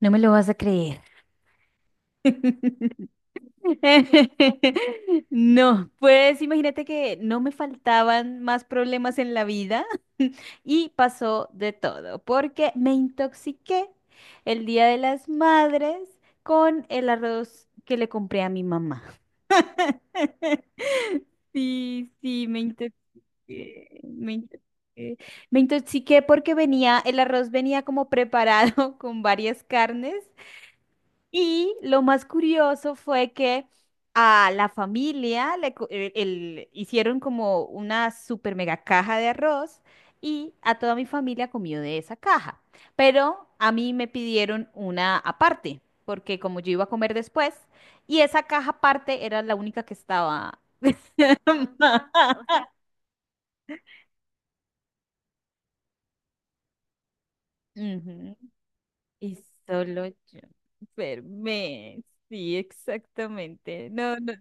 No me lo vas a creer. No, pues imagínate que no me faltaban más problemas en la vida y pasó de todo, porque me intoxiqué el Día de las Madres con el arroz que le compré a mi mamá. Sí, sí, me intoxiqué, me intoxiqué. Me intoxiqué porque el arroz venía como preparado con varias carnes. Y lo más curioso fue que a la familia le co- el- hicieron como una super mega caja de arroz y a toda mi familia comió de esa caja. Pero a mí me pidieron una aparte, porque como yo iba a comer después, y esa caja aparte era la única que estaba. Ujú. Y solo yo. Fermé. Sí, exactamente. No, no.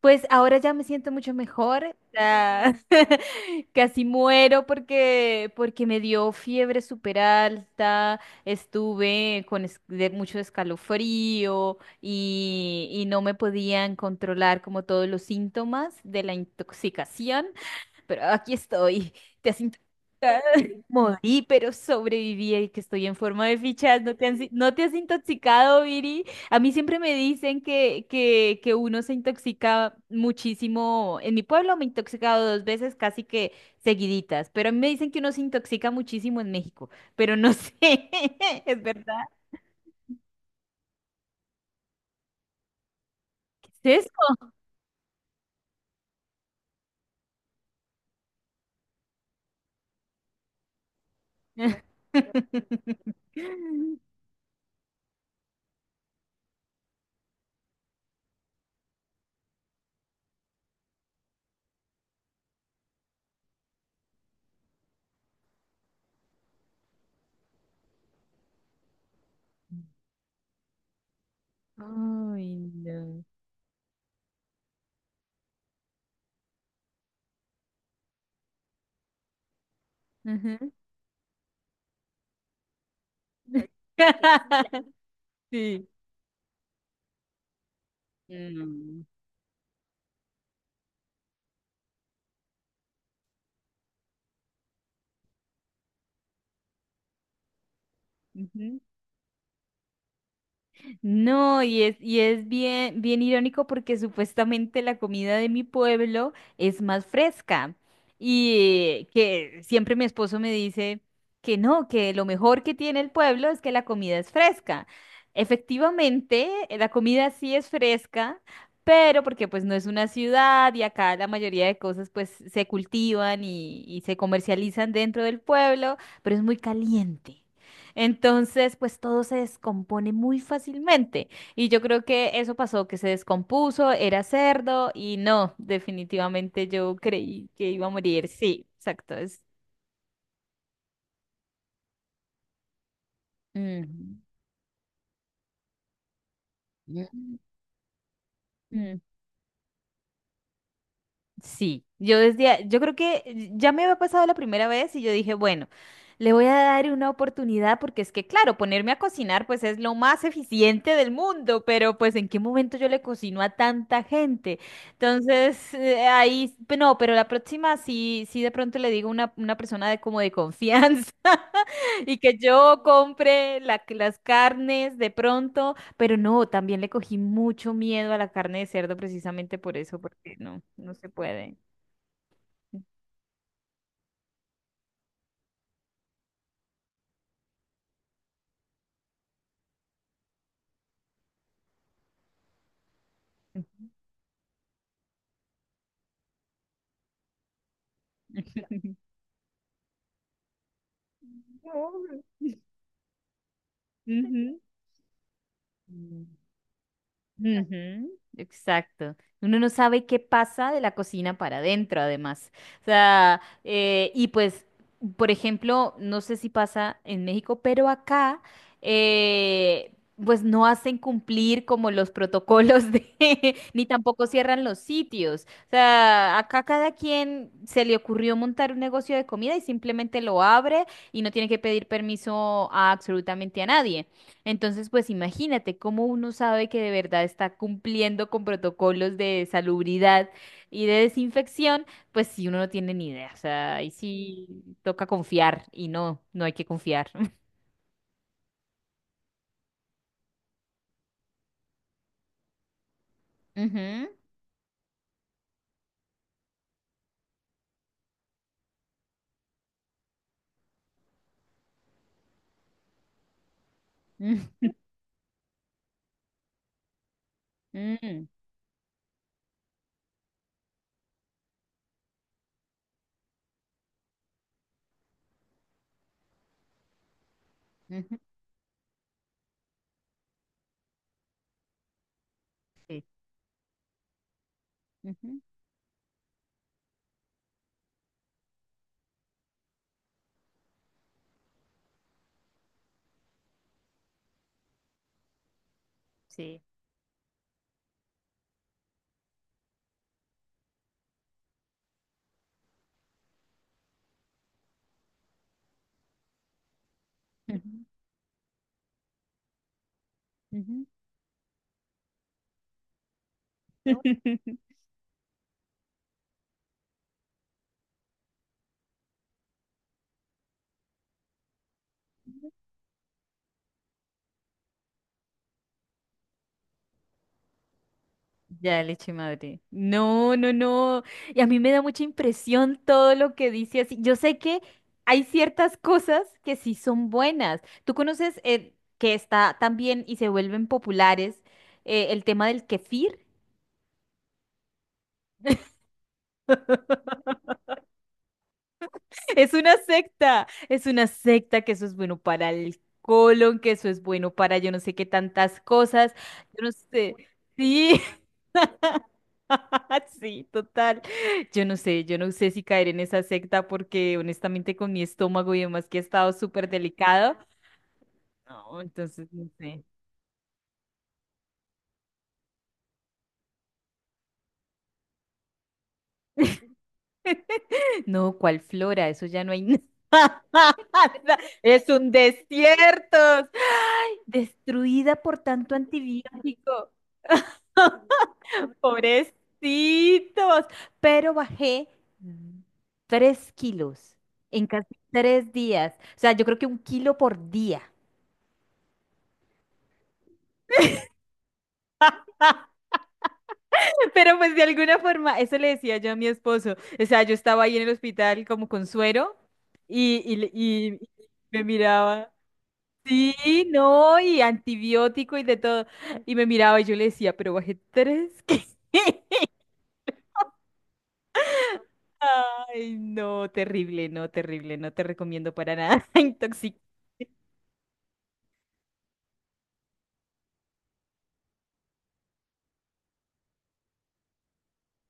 Pues ahora ya me siento mucho mejor, ya. Casi muero porque me dio fiebre súper alta, estuve con de mucho escalofrío y no me podían controlar como todos los síntomas de la intoxicación, pero aquí estoy. ¿Te has...? Morí, pero sobreviví y que estoy en forma de fichas. ¿No te has, no te has intoxicado, Viri? A mí siempre me dicen que uno se intoxica muchísimo. En mi pueblo me he intoxicado dos veces casi que seguiditas, pero a mí me dicen que uno se intoxica muchísimo en México, pero no sé, ¿es verdad? ¿Qué es eso? Ay, no. Ujú. Sí. Mm. Ujú. No, y es bien, bien irónico porque supuestamente la comida de mi pueblo es más fresca. Y que siempre mi esposo me dice que no, que lo mejor que tiene el pueblo es que la comida es fresca. Efectivamente, la comida sí es fresca, pero porque pues no es una ciudad y acá la mayoría de cosas pues se cultivan y se comercializan dentro del pueblo, pero es muy caliente. Entonces, pues todo se descompone muy fácilmente. Y yo creo que eso pasó, que se descompuso, era cerdo y no, definitivamente yo creí que iba a morir. Sí, exacto. Es... Ujú. Ujú. Sí, yo creo que ya me había pasado la primera vez y yo dije, bueno, le voy a dar una oportunidad porque es que, claro, ponerme a cocinar pues es lo más eficiente del mundo, pero pues ¿en qué momento yo le cocino a tanta gente? Entonces, no, pero la próxima sí, sí de pronto le digo a una persona de como de confianza. Y que yo compre las carnes de pronto, pero no, también le cogí mucho miedo a la carne de cerdo precisamente por eso, porque no, no se puede. No. Ujú. Ujú, exacto. Uno no sabe qué pasa de la cocina para adentro, además. O sea, y pues, por ejemplo, no sé si pasa en México, pero acá, eh, pues no hacen cumplir como los protocolos de, ni tampoco cierran los sitios. O sea, acá cada quien se le ocurrió montar un negocio de comida y simplemente lo abre y no tiene que pedir permiso a absolutamente a nadie. Entonces, pues imagínate cómo uno sabe que de verdad está cumpliendo con protocolos de salubridad y de desinfección, pues si uno no tiene ni idea. O sea, ahí sí toca confiar y no, no hay que confiar. Ujú. Mm. Mm. Ujú. Sí. Ujú. Sí. Ujú, ujú. No. Ya, leche madre. No, no, no. Y a mí me da mucha impresión todo lo que dice así. Yo sé que hay ciertas cosas que sí son buenas. Tú conoces que está también y se vuelven populares, el tema del kefir. Es una secta que eso es bueno para el colon, que eso es bueno para yo no sé qué tantas cosas. Yo no sé. Sí. Sí, total. Yo no sé si caer en esa secta porque honestamente con mi estómago y demás que ha estado súper delicado. No, entonces no sé. No, ¿cuál flora? Eso ya no hay nada. Es un desierto. Destruida por tanto antibiótico. Pobrecitos. Pero bajé 3 kilos en casi 3 días. O sea, yo creo que un kilo por día. Pero pues de alguna forma, eso le decía yo a mi esposo. O sea, yo estaba ahí en el hospital como con suero y me miraba. Sí, no, y antibiótico y de todo. Y me miraba y yo le decía, "Pero bajé 3 kilos". Ay, no, terrible, no, terrible, no te recomiendo para nada. Intoxic.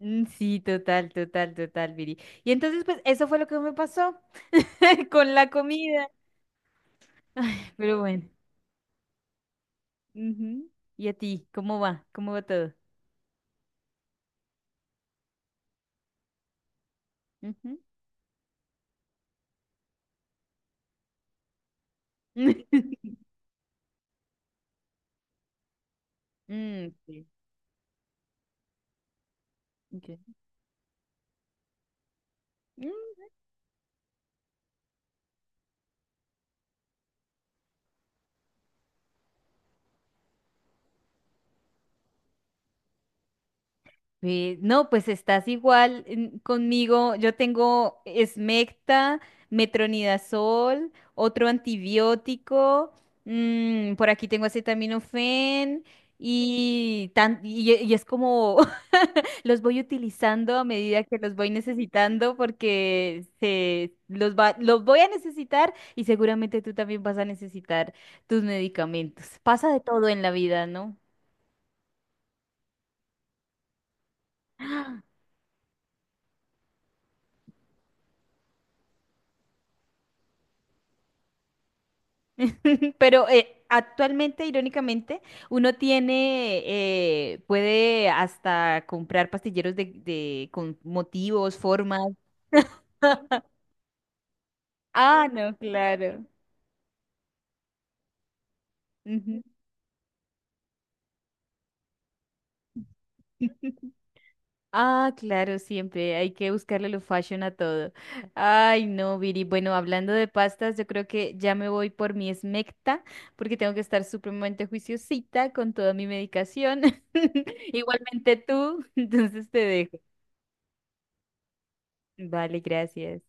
Mm. Sí, total, total, total, Viri. Y entonces, pues, eso fue lo que me pasó con la comida. Ay, pero bueno. Ujú. ¿Y a ti? ¿Cómo va? ¿Cómo va todo? Ujú. Mm, sí. Ok. Mm. Ve, no, pues estás igual conmigo. Yo tengo Smecta, metronidazol, otro antibiótico. Mm, por aquí tengo acetaminofén y es como los voy utilizando a medida que los voy necesitando porque los voy a necesitar y seguramente tú también vas a necesitar tus medicamentos. Pasa de todo en la vida, ¿no? Pero actualmente, irónicamente, uno tiene, puede hasta comprar pastilleros con motivos, formas. Ah, no, claro. Ujú. Ah, claro, siempre hay que buscarle lo fashion a todo. Ay, no, Viri. Bueno, hablando de pastas, yo creo que ya me voy por mi esmecta porque tengo que estar supremamente juiciosita con toda mi medicación. Igualmente tú, entonces te dejo. Vale, gracias.